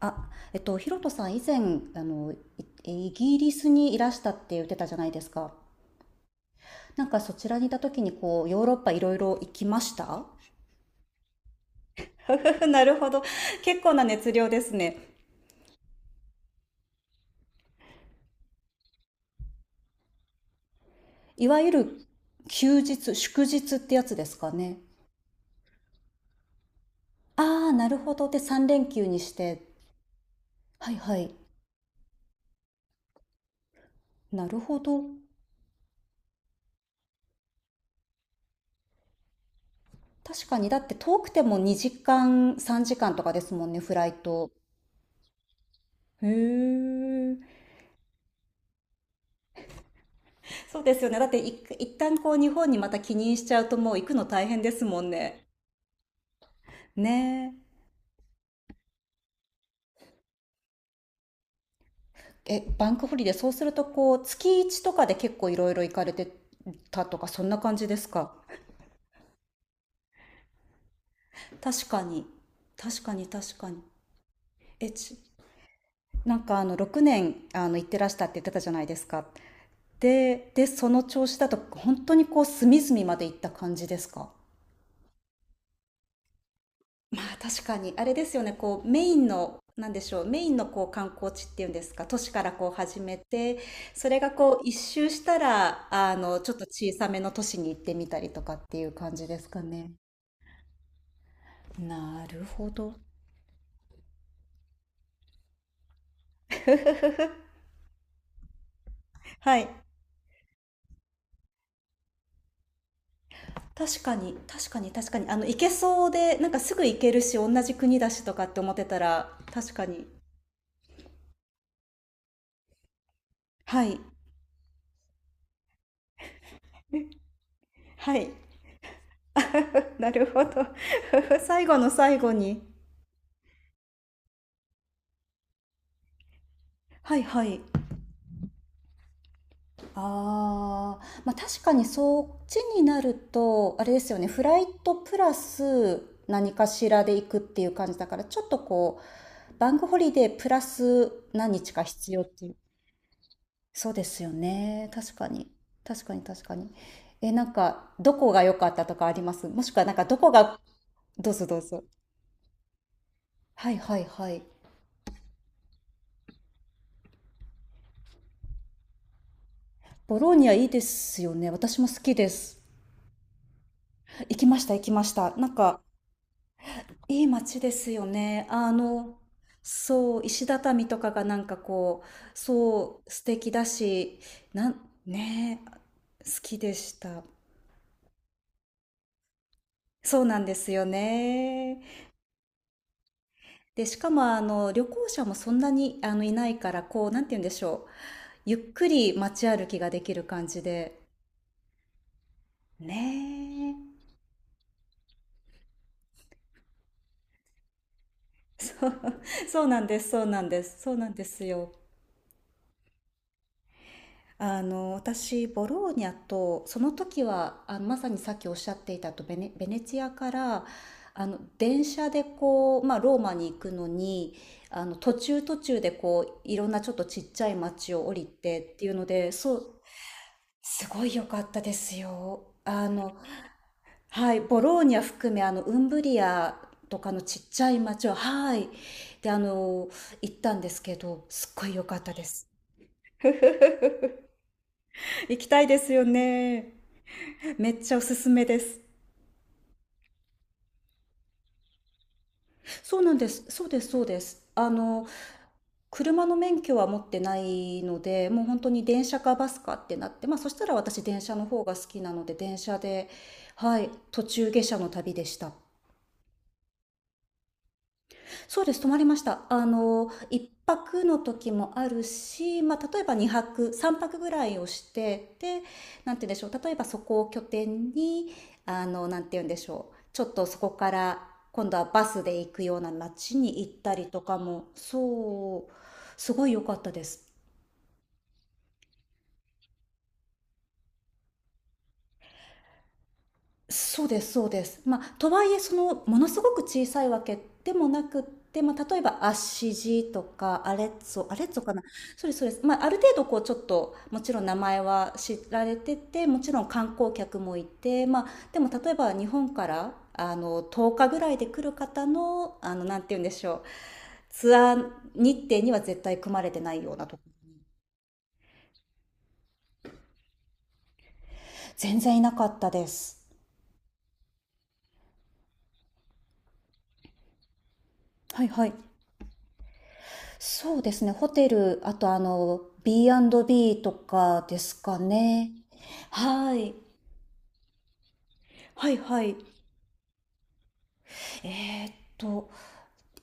あ、ヒロトさん、以前、あの、イギリスにいらしたって言ってたじゃないですか。なんかそちらにいた時に、こう、ヨーロッパいろいろ行きました？ なるほど。結構な熱量ですね。いわゆる休日、祝日ってやつですかね。ああ、なるほど。で、3連休にして。はいはい。なるほど。確かに、だって遠くても2時間、3時間とかですもんね、フライト。へえ。そうですよね。だって一旦こう日本にまた帰任しちゃうともう行くの大変ですもんね。ねえ。え、バンクホリデー、そうするとこう月1とかで結構いろいろ行かれてたとかそんな感じですか？確かに。確かに確かに。え、なんか6年行ってらしたって言ってたじゃないですか。で、その調子だと本当にこう隅々まで行った感じですか？まあ確かに、あれですよね、こうメインの、なんでしょう、メインのこう観光地っていうんですか、都市からこう始めて、それがこう一周したら、ちょっと小さめの都市に行ってみたりとかっていう感じですかね？なるほど。はい。確かに、確かに、確かに。行けそうで、なんかすぐ行けるし、同じ国だしとかって思ってたら、確かに。はい。はい。なるほど。最後の最後に。はい、はい。ああ、まあ確かにそっちになると、あれですよね、フライトプラス何かしらで行くっていう感じだから、ちょっとこう、バンクホリデープラス何日か必要っていう。そうですよね。確かに。確かに確かに。え、なんか、どこが良かったとかあります？もしくはなんか、どこが、どうぞどうぞ。はいはいはい。ボローニャいいですよね。私も好きです。行きました行きました。なんか、いい街ですよね。そう、石畳とかがなんかこう、そう、素敵だし、なん、ねえ、好きでした。そうなんですよね。で、しかも旅行者もそんなにいないから、こう、なんて言うんでしょう。ゆっくり街歩きができる感じで。ねえ。そう、そうなんです、そうなんです、そうなんですよ。私ボローニャと、その時はまさにさっきおっしゃっていたとベネチアから電車でこう、まあ、ローマに行くのに途中途中でこういろんなちょっとちっちゃい町を降りてっていうので、そうすごい良かったですよ。はい、ボローニャ含めウンブリアとかのちっちゃい町を、はい、で行ったんですけど、すっごい良かったです。行きたいですよね。めっちゃおすすめです。そうなんです。そうです、そうです。車の免許は持ってないので、もう本当に電車かバスかってなって、まあそしたら私電車の方が好きなので、電車で、はい、途中下車の旅でした。そうです、泊まりました。一泊の時もあるし、まあ、例えば2泊、3泊ぐらいをして、で、なんて言うんでしょう、例えばそこを拠点に、なんて言うんでしょう、ちょっとそこから、今度はバスで行くような街に行ったりとかも、そう、すごい良かったです。そうですそうです。まあ、とはいえそのものすごく小さいわけでもなくって、まあ、例えばアッシジとかアレッツォ、アレッツォかな、そうですそうです。まあ、ある程度こうちょっともちろん名前は知られてて、もちろん観光客もいて、まあ、でも例えば日本から10日ぐらいで来る方の、なんて言うんでしょう、ツアー日程には絶対組まれてないようなとこ、全然いなかったです。はいはい。そうですね、ホテル、あとB&B とかですかね。はい。はいはい。えーっと、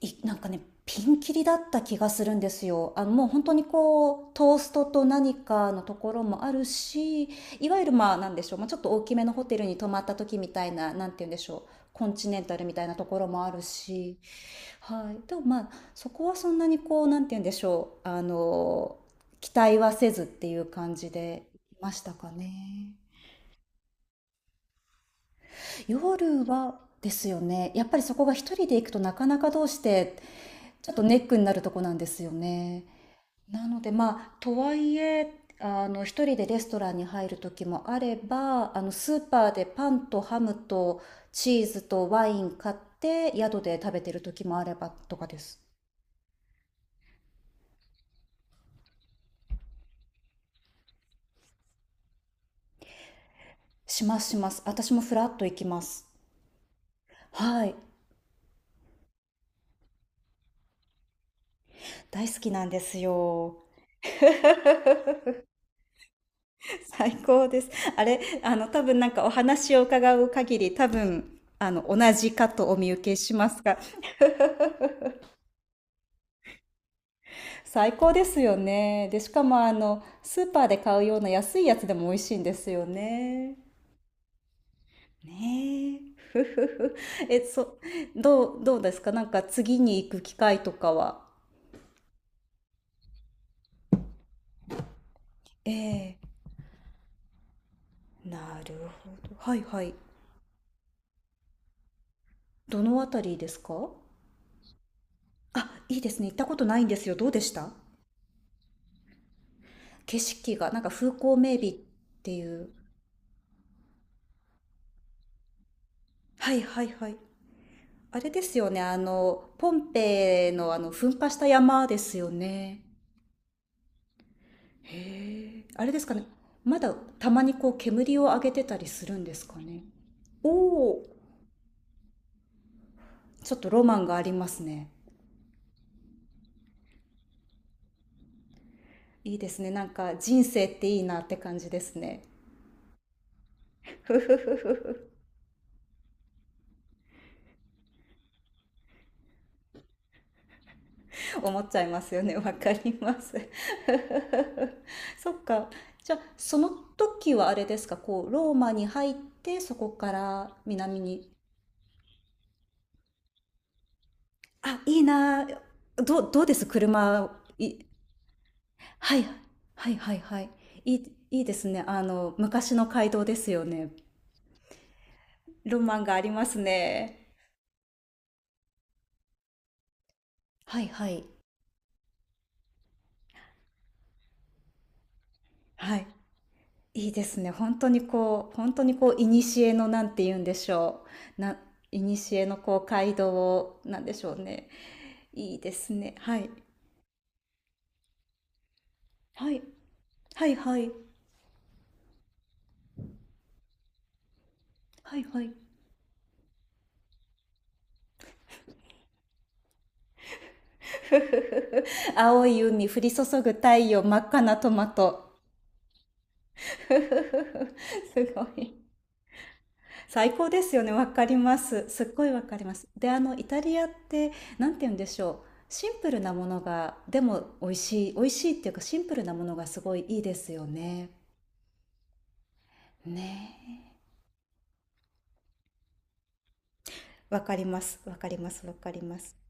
なんかね、ピンキリだった気がするんですよ。もう本当にこう、トーストと何かのところもあるし、いわゆるまあ、なんでしょう、まあ、ちょっと大きめのホテルに泊まった時みたいな、なんて言うんでしょう、コンチネンタルみたいなところもあるし、はい、でもまあそこはそんなにこうなんて言うんでしょう、期待はせずっていう感じでいましたかね。夜はですよね、やっぱりそこが一人で行くとなかなかどうしてちょっとネックになるとこなんですよね。なのでまあとはいえ一人でレストランに入る時もあれば、スーパーでパンとハムとチーズとワイン買って宿で食べてる時もあればとかです。しますします。私もフラッと行きます。はい。大好きなんですよ。最高です。あれ、多分なんかお話を伺う限り、多分、同じかとお見受けしますが、最高ですよね。で、しかもスーパーで買うような安いやつでも美味しいんですよね。ねえ。ふふふ。え、どうですか、なんか次に行く機会とかは？ええ。なるほど。はいはい。どのあたりですか？あ、いいですね。行ったことないんですよ。どうでした？景色が、なんか風光明媚っていう。はいはいはい。あれですよね。ポンペイの噴火した山ですよね。へえ。あれですかね。まだたまにこう煙を上げてたりするんですかね。おお、ちょっとロマンがありますね。いいですね。なんか人生っていいなって感じですね。ふふふふ。思っちゃいますよね。わかります。そっか。じゃあ、その時はあれですか、こう、ローマに入って、そこから南に。あ、いいなあ。どうです車、はい、はい、はい、はい。いい、いいですね。昔の街道ですよね。ロマンがありますね。はい、はい。はい。いいですね。本当にこう本当にこう、いにしえのなんて言うんでしょう、古のこう街道を、なんでしょうね。いいですね。はい。はい。はいはい。はいはい。ふふふふ。青い海降り注ぐ太陽、真っ赤なトマト。ふふふふ。すごい。最高ですよね、わかります。すっごいわかります。で、イタリアって、なんて言うんでしょう、シンプルなものが、でも美味しい美味しいっていうか、シンプルなものがすごいいいですよね。ねえ、わかりますわかりますわかります。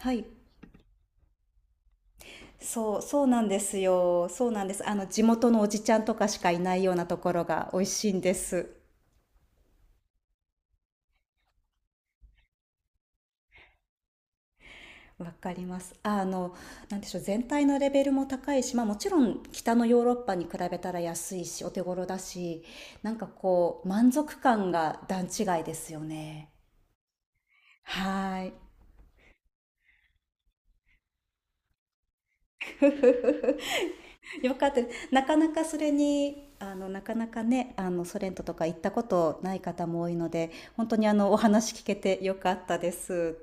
はい、そうそうなんですよ。そうなんです。地元のおじちゃんとかしかいないようなところが美味しいんです。わかります。なんでしょう、全体のレベルも高いし、まあ、もちろん北のヨーロッパに比べたら安いしお手頃だし、なんかこう満足感が段違いですよね。はい。 よかったです。なかなかそれになかなかね、ソ連ととか行ったことない方も多いので、本当にお話聞けてよかったです。